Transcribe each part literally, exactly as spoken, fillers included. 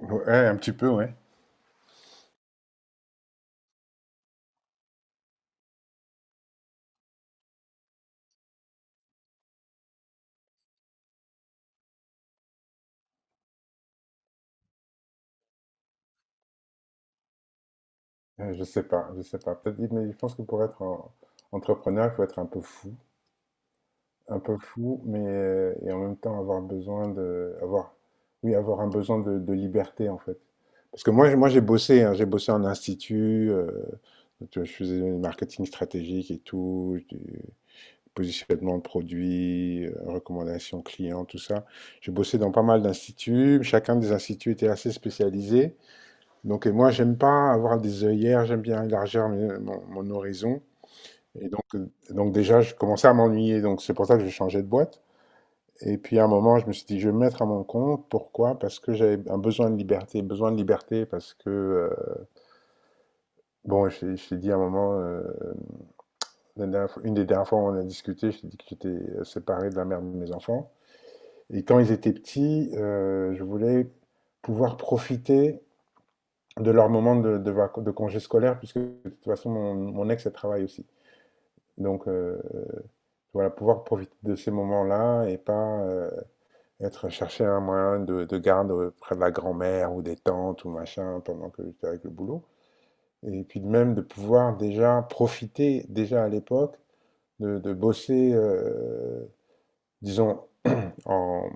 Ouais, un petit peu, ouais. Euh, Je sais pas, je sais pas. Peut-être, mais je pense que pour être en- entrepreneur, il faut être un peu fou, un peu fou, mais euh, et en même temps avoir besoin de, avoir, oui, avoir un besoin de, de liberté en fait. Parce que moi, j'ai- moi, j'ai bossé, hein, j'ai bossé en institut, euh, tu vois, je faisais du marketing stratégique et tout, du positionnement de produits, euh, recommandations clients, tout ça. J'ai bossé dans pas mal d'instituts. Chacun des instituts était assez spécialisé. Donc, et moi, j'aime pas avoir des œillères, j'aime bien élargir mes- mon, mon horizon. Et donc, euh, donc déjà, je commençais à m'ennuyer. Donc, c'est pour ça que je changeais de boîte. Et puis, à un moment, je me suis dit, je vais me mettre à mon compte. Pourquoi? Parce que j'avais un besoin de liberté. Besoin de liberté parce que, euh, bon, je, je t'ai dit à un moment, euh, la dernière fois- une des dernières fois où on a discuté, je t'ai dit que j'étais euh, séparé de la mère de mes enfants. Et quand ils étaient petits, euh, je voulais pouvoir profiter de leur moment de, de, vac- de congé scolaire, puisque de toute façon, mon, mon ex, elle travaille aussi. Donc, euh, voilà, pouvoir profiter de ces moments-là et pas euh, être chercher un moyen de, de garde euh, près de la grand-mère ou des tantes ou machin pendant que j'étais avec le boulot. Et puis de même de pouvoir déjà profiter, déjà à l'époque, de, de bosser, euh, disons, en,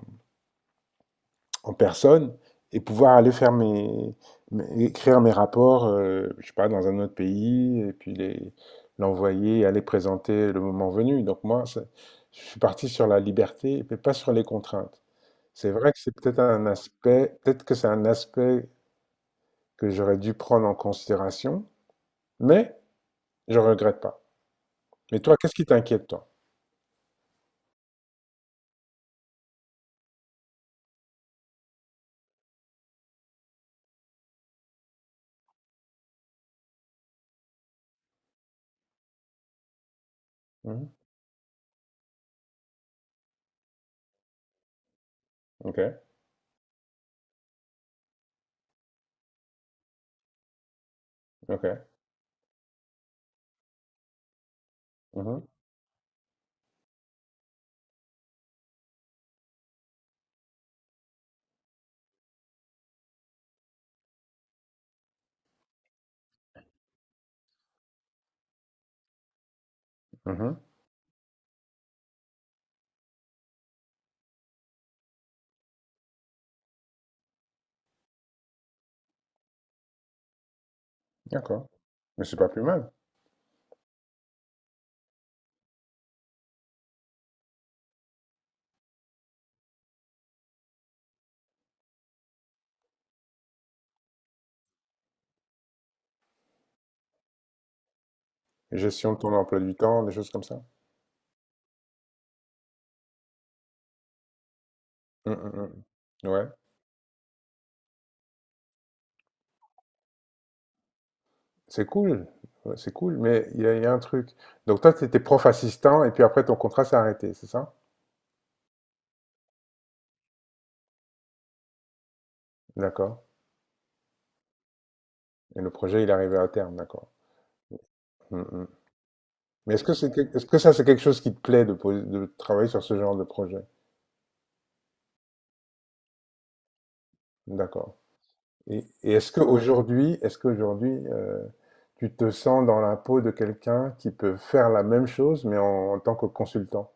en personne et pouvoir aller faire mes, mes- écrire mes rapports, euh, je sais pas, dans un autre pays et puis les l'envoyer et aller présenter le moment venu. Donc moi, c'est- je suis parti sur la liberté, mais pas sur les contraintes. C'est vrai que c'est peut-être un aspect, peut-être que c'est un aspect que j'aurais dû prendre en considération, mais je regrette pas. Mais toi, qu'est-ce qui t'inquiète, toi? Mmh. OK, OK. Mhm. Mhm. D'accord. Mais c'est pas plus mal. Gestion de ton emploi du temps, des choses comme ça? Mmh mh, mmh. Mmh. Ouais. C'est cool. Ouais, c'est cool, mais il y a il y a un truc. Donc toi, tu étais prof assistant et puis après ton contrat s'est arrêté, c'est ça? D'accord, et le projet, il est arrivé à terme, d'accord. Mmh mh. Mais est-ce que c'est quel- est-ce que ça c'est quelque chose qui te plaît de, poser- de travailler sur ce genre de projet? D'accord. Et, et est-ce qu'aujourd'hui, est-ce qu'aujourd'hui, euh, tu te sens dans la peau de quelqu'un qui peut faire la même chose, mais en, en tant que consultant?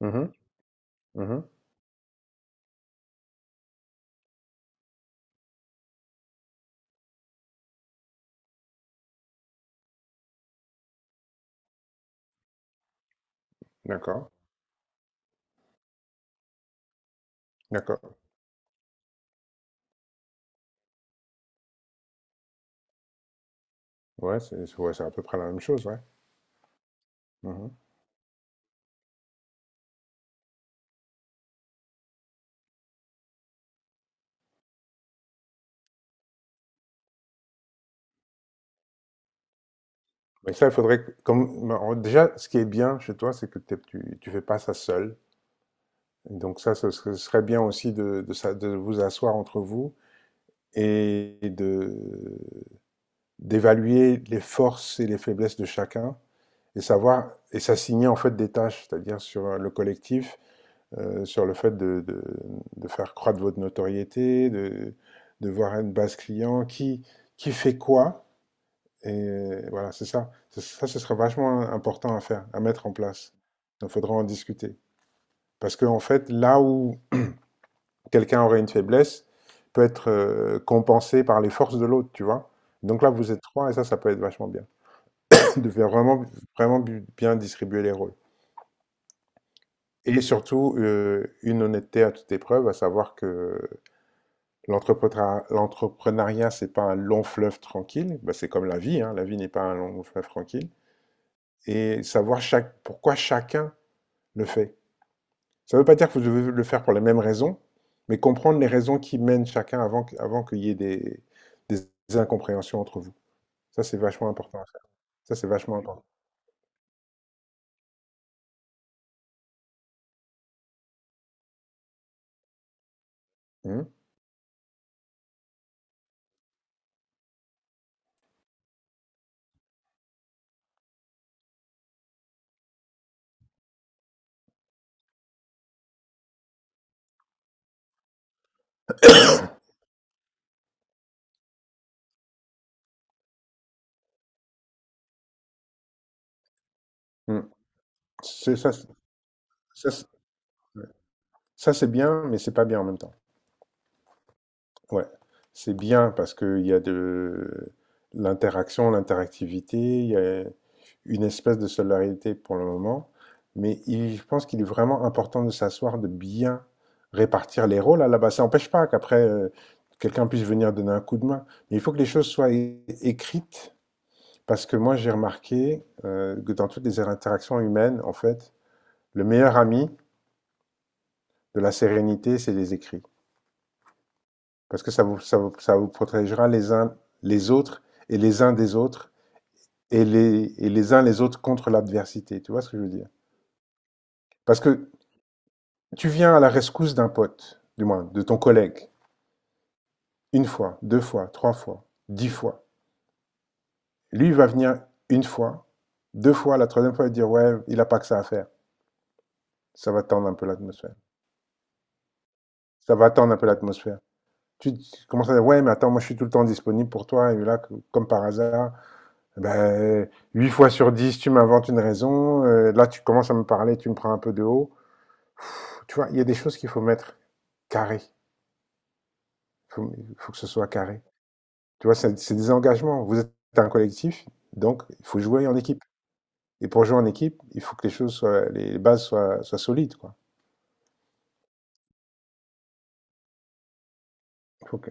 Mhm. Mhm. D'accord, d'accord. Ouais, c'est ouais, c'est à peu près la même chose, ouais. Mhm. Mais ça, il faudrait. que- Comme, bon, déjà, ce qui est bien chez toi, c'est que t'es- tu ne fais pas ça seul. Donc, ça, ce serait ce serait bien aussi de, de, sa- de vous asseoir entre vous et de d'évaluer les forces et les faiblesses de chacun et savoir et s'assigner en fait des tâches, c'est-à-dire sur le collectif, euh, sur le fait de, de, de faire croître votre notoriété, de, de voir une base client, qui, qui fait quoi. Et voilà, c'est ça. C'est- Ça, ce sera vachement important à faire, à mettre en place. Donc, il faudra en discuter. Parce qu'en fait, là où quelqu'un aurait une faiblesse, peut être euh, compensé par les forces de l'autre, tu vois. Donc là, vous êtes trois et ça, ça peut être vachement bien. De faire vraiment, vraiment bu- bien distribuer les rôles. Et surtout, euh, une honnêteté à toute épreuve, à savoir que l'entrepreneuriat, l'entrepreneuriat, c'est pas un long fleuve tranquille. Bah, c'est comme la vie, hein. La vie n'est pas un long fleuve tranquille. Et savoir chaque, pourquoi chacun le fait. Ça ne veut pas dire que vous devez le faire pour les mêmes raisons, mais comprendre les raisons qui mènent chacun avant, avant qu'il y ait des, des incompréhensions entre vous. Ça, c'est vachement important à faire. Ça, c'est vachement important. Mhm. Mhm. C'est- Ça, c'est- Ça, c'est ouais. Ça, c'est bien, mais c'est pas bien en même temps. Ouais, c'est bien parce qu'il y a de l'interaction, l'interactivité, il y a une espèce de solidarité pour le moment, mais il- je pense qu'il est vraiment important de s'asseoir, de bien répartir les rôles à la base. Ça n'empêche pas qu'après, euh, quelqu'un puisse venir donner un coup de main, mais il faut que les choses soient é- écrites parce que moi j'ai remarqué euh, que dans toutes les interactions humaines, en fait, le meilleur ami de la sérénité, c'est les écrits. Parce que ça vous, ça vous, ça vous protégera les uns les autres et les uns des autres et les, et les uns les autres contre l'adversité. Tu vois ce que je veux dire? Parce que tu viens à la rescousse d'un pote, du moins de ton collègue, une fois, deux fois, trois fois, dix fois. Lui, il va venir une fois, deux fois, la troisième fois, il va dire ouais, il n'a pas que ça à faire. Ça va tendre un peu l'atmosphère. Ça va tendre un peu l'atmosphère. Tu tu commences à dire ouais, mais attends, moi je suis tout le temps disponible pour toi et là, comme par hasard, ben, huit fois sur dix, tu m'inventes une raison. Euh, là, tu commences à me parler, tu me prends un peu de haut. Tu vois, il y a des choses qu'il faut mettre carré. Il faut, faut, que ce soit carré. Tu vois, c'est des engagements. Vous êtes un collectif, donc il faut jouer en équipe. Et pour jouer en équipe, il faut que les choses soient, les bases soient, soient solides, quoi. Il faut que...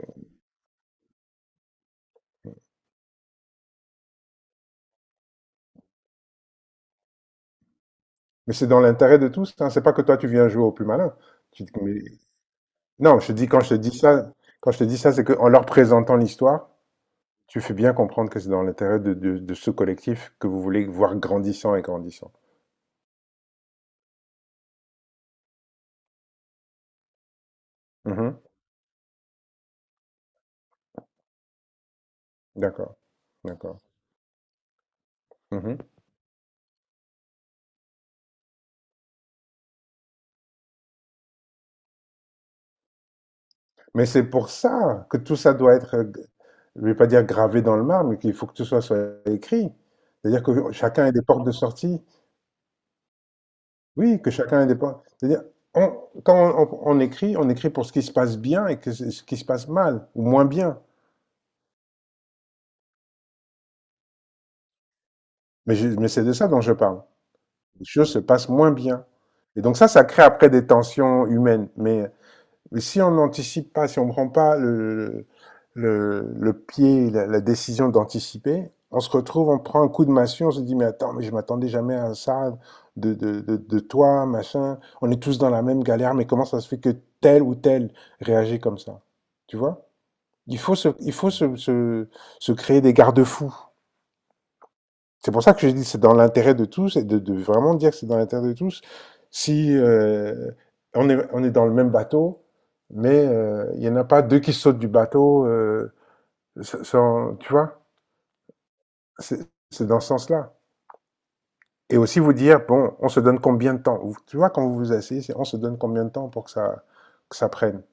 Mais c'est dans l'intérêt de tous. Hein. C'est pas que toi tu viens jouer au plus malin. Tu... Mais... Non, je te dis quand je te dis ça, quand je te dis ça, c'est qu'en leur présentant l'histoire. Tu fais bien comprendre que c'est dans l'intérêt de, de- de ce collectif que vous voulez voir grandissant et grandissant. Mhm. D'accord, d'accord. Mhm. Mais c'est pour ça que tout ça doit être, euh, je ne vais pas dire gravé dans le marbre, mais qu'il faut que tout ça soit écrit. C'est-à-dire que chacun ait des portes de sortie. Oui, que chacun ait des portes. C'est-à-dire, on- quand on, on- on écrit, on écrit pour ce qui se passe bien et que ce ce qui se passe mal, ou moins bien. Mais, je- mais c'est de ça dont je parle. Les choses se passent moins bien. Et donc ça, ça crée après des tensions humaines. Mais si on n'anticipe pas, si on ne prend pas le, le, le pied, la, la décision d'anticiper, on se retrouve, on prend un coup de massue, on se dit mais attends, mais je m'attendais jamais à ça de, de, de, de toi, machin. On est tous dans la même galère, mais comment ça se fait que tel ou tel réagit comme ça? Tu vois? Il faut se, il faut se, se, se créer des garde-fous. C'est pour ça que je dis, c'est dans l'intérêt de tous et de, de vraiment dire que c'est dans l'intérêt de tous. Si euh, on, est, on est dans le même bateau, mais euh, il n'y en a pas deux qui sautent du bateau, euh, sans, tu vois, c'est dans ce sens-là. Et aussi vous dire, bon, on se donne combien de temps. Tu vois, quand vous vous asseyez, on se donne combien de temps pour que ça, que ça prenne.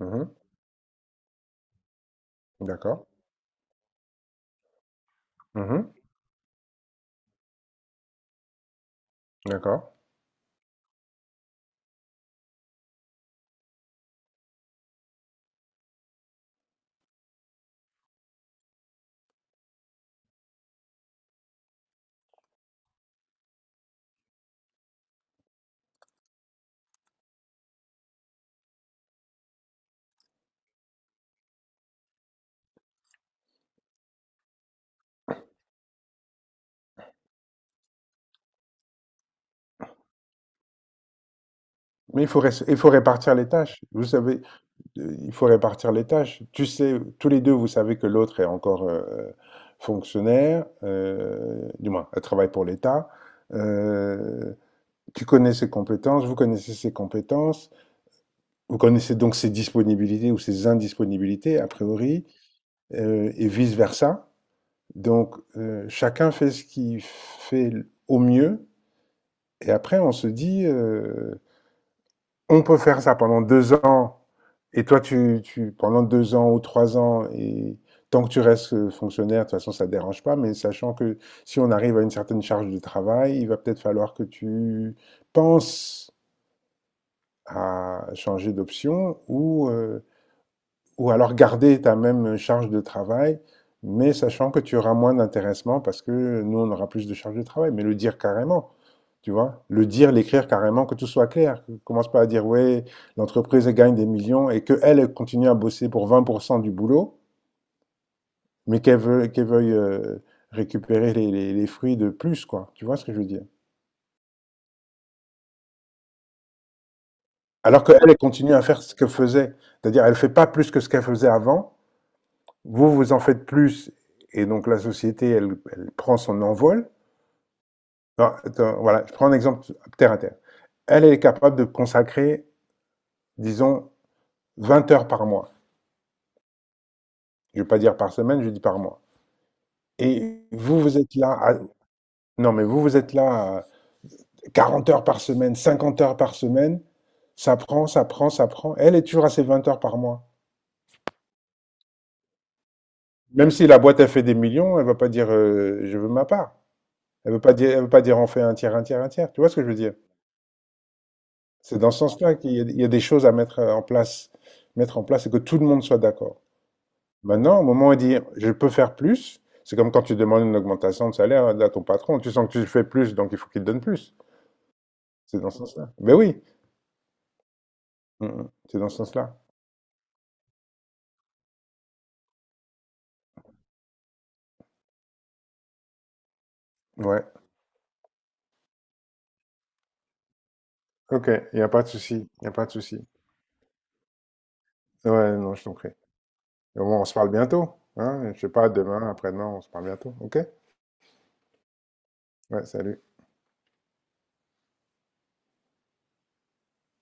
Mhm. D'accord. Mhm. D'accord. Mais il faut, ré- il faut répartir les tâches. Vous savez, euh, il faut répartir les tâches. Tu sais, tous les deux, vous savez que l'autre est encore euh, fonctionnaire, euh, du moins, elle travaille pour l'État. Euh, Tu connais ses compétences, vous connaissez ses compétences, vous connaissez donc ses disponibilités ou ses indisponibilités, a priori, euh, et vice-versa. Donc, euh, chacun fait ce qu'il fait au mieux, et après, on se dit, euh, on peut faire ça pendant deux ans, et toi, tu, tu pendant deux ans ou trois ans, et tant que tu restes euh, fonctionnaire, de toute façon, ça ne te dérange pas, mais sachant que si on arrive à une certaine charge de travail, il va peut-être falloir que tu penses à changer d'option ou, euh, ou alors garder ta même charge de travail, mais sachant que tu auras moins d'intéressement parce que nous, on aura plus de charge de travail. Mais le dire carrément, tu vois? Le dire, l'écrire carrément, que tout soit clair. Que- Commence pas à dire, ouais, l'entreprise elle gagne des millions et qu'elle, elle continue à bosser pour vingt pour cent du boulot, mais qu'elle veuille, qu'elle veuille euh, récupérer les, les- les fruits de plus, quoi. Tu vois ce que je veux dire? Alors qu'elle, elle continue à faire ce qu'elle faisait. C'est-à-dire, elle fait pas plus que ce qu'elle faisait avant. Vous, vous en faites plus. Et donc, la société, elle, elle prend son envol. Non, attends, voilà, je prends un exemple terre à terre. Elle, elle est capable de consacrer, disons, vingt heures par mois. Je ne vais pas dire par semaine, je dis par mois. Et vous, vous êtes là à- non, mais vous, vous êtes là à quarante heures par semaine, cinquante heures par semaine. Ça prend, ça prend, ça prend. Elle est toujours à ses vingt heures par mois. Même si la boîte a fait des millions, elle va pas dire euh, je veux ma part. Elle veut pas dire, elle veut pas dire on fait un tiers, un tiers, un tiers. Tu vois ce que je veux dire? C'est dans ce sens-là qu'il y a, il y a des choses à mettre en place, mettre en place et que tout le monde soit d'accord. Maintenant, au moment où on dit je peux faire plus, c'est comme quand tu demandes une augmentation de salaire à ton patron. Tu sens que tu fais plus, donc il faut qu'il te donne plus. C'est dans ce sens-là. Ben oui. Mmh mh. C'est dans ce sens-là? Ouais. OK, il y a pas de souci, il y a pas de souci. Ouais, non, je t'en prie. Et au moins, on se parle bientôt, hein? Je sais pas, demain, après-demain, on se parle bientôt, OK? Ouais, salut.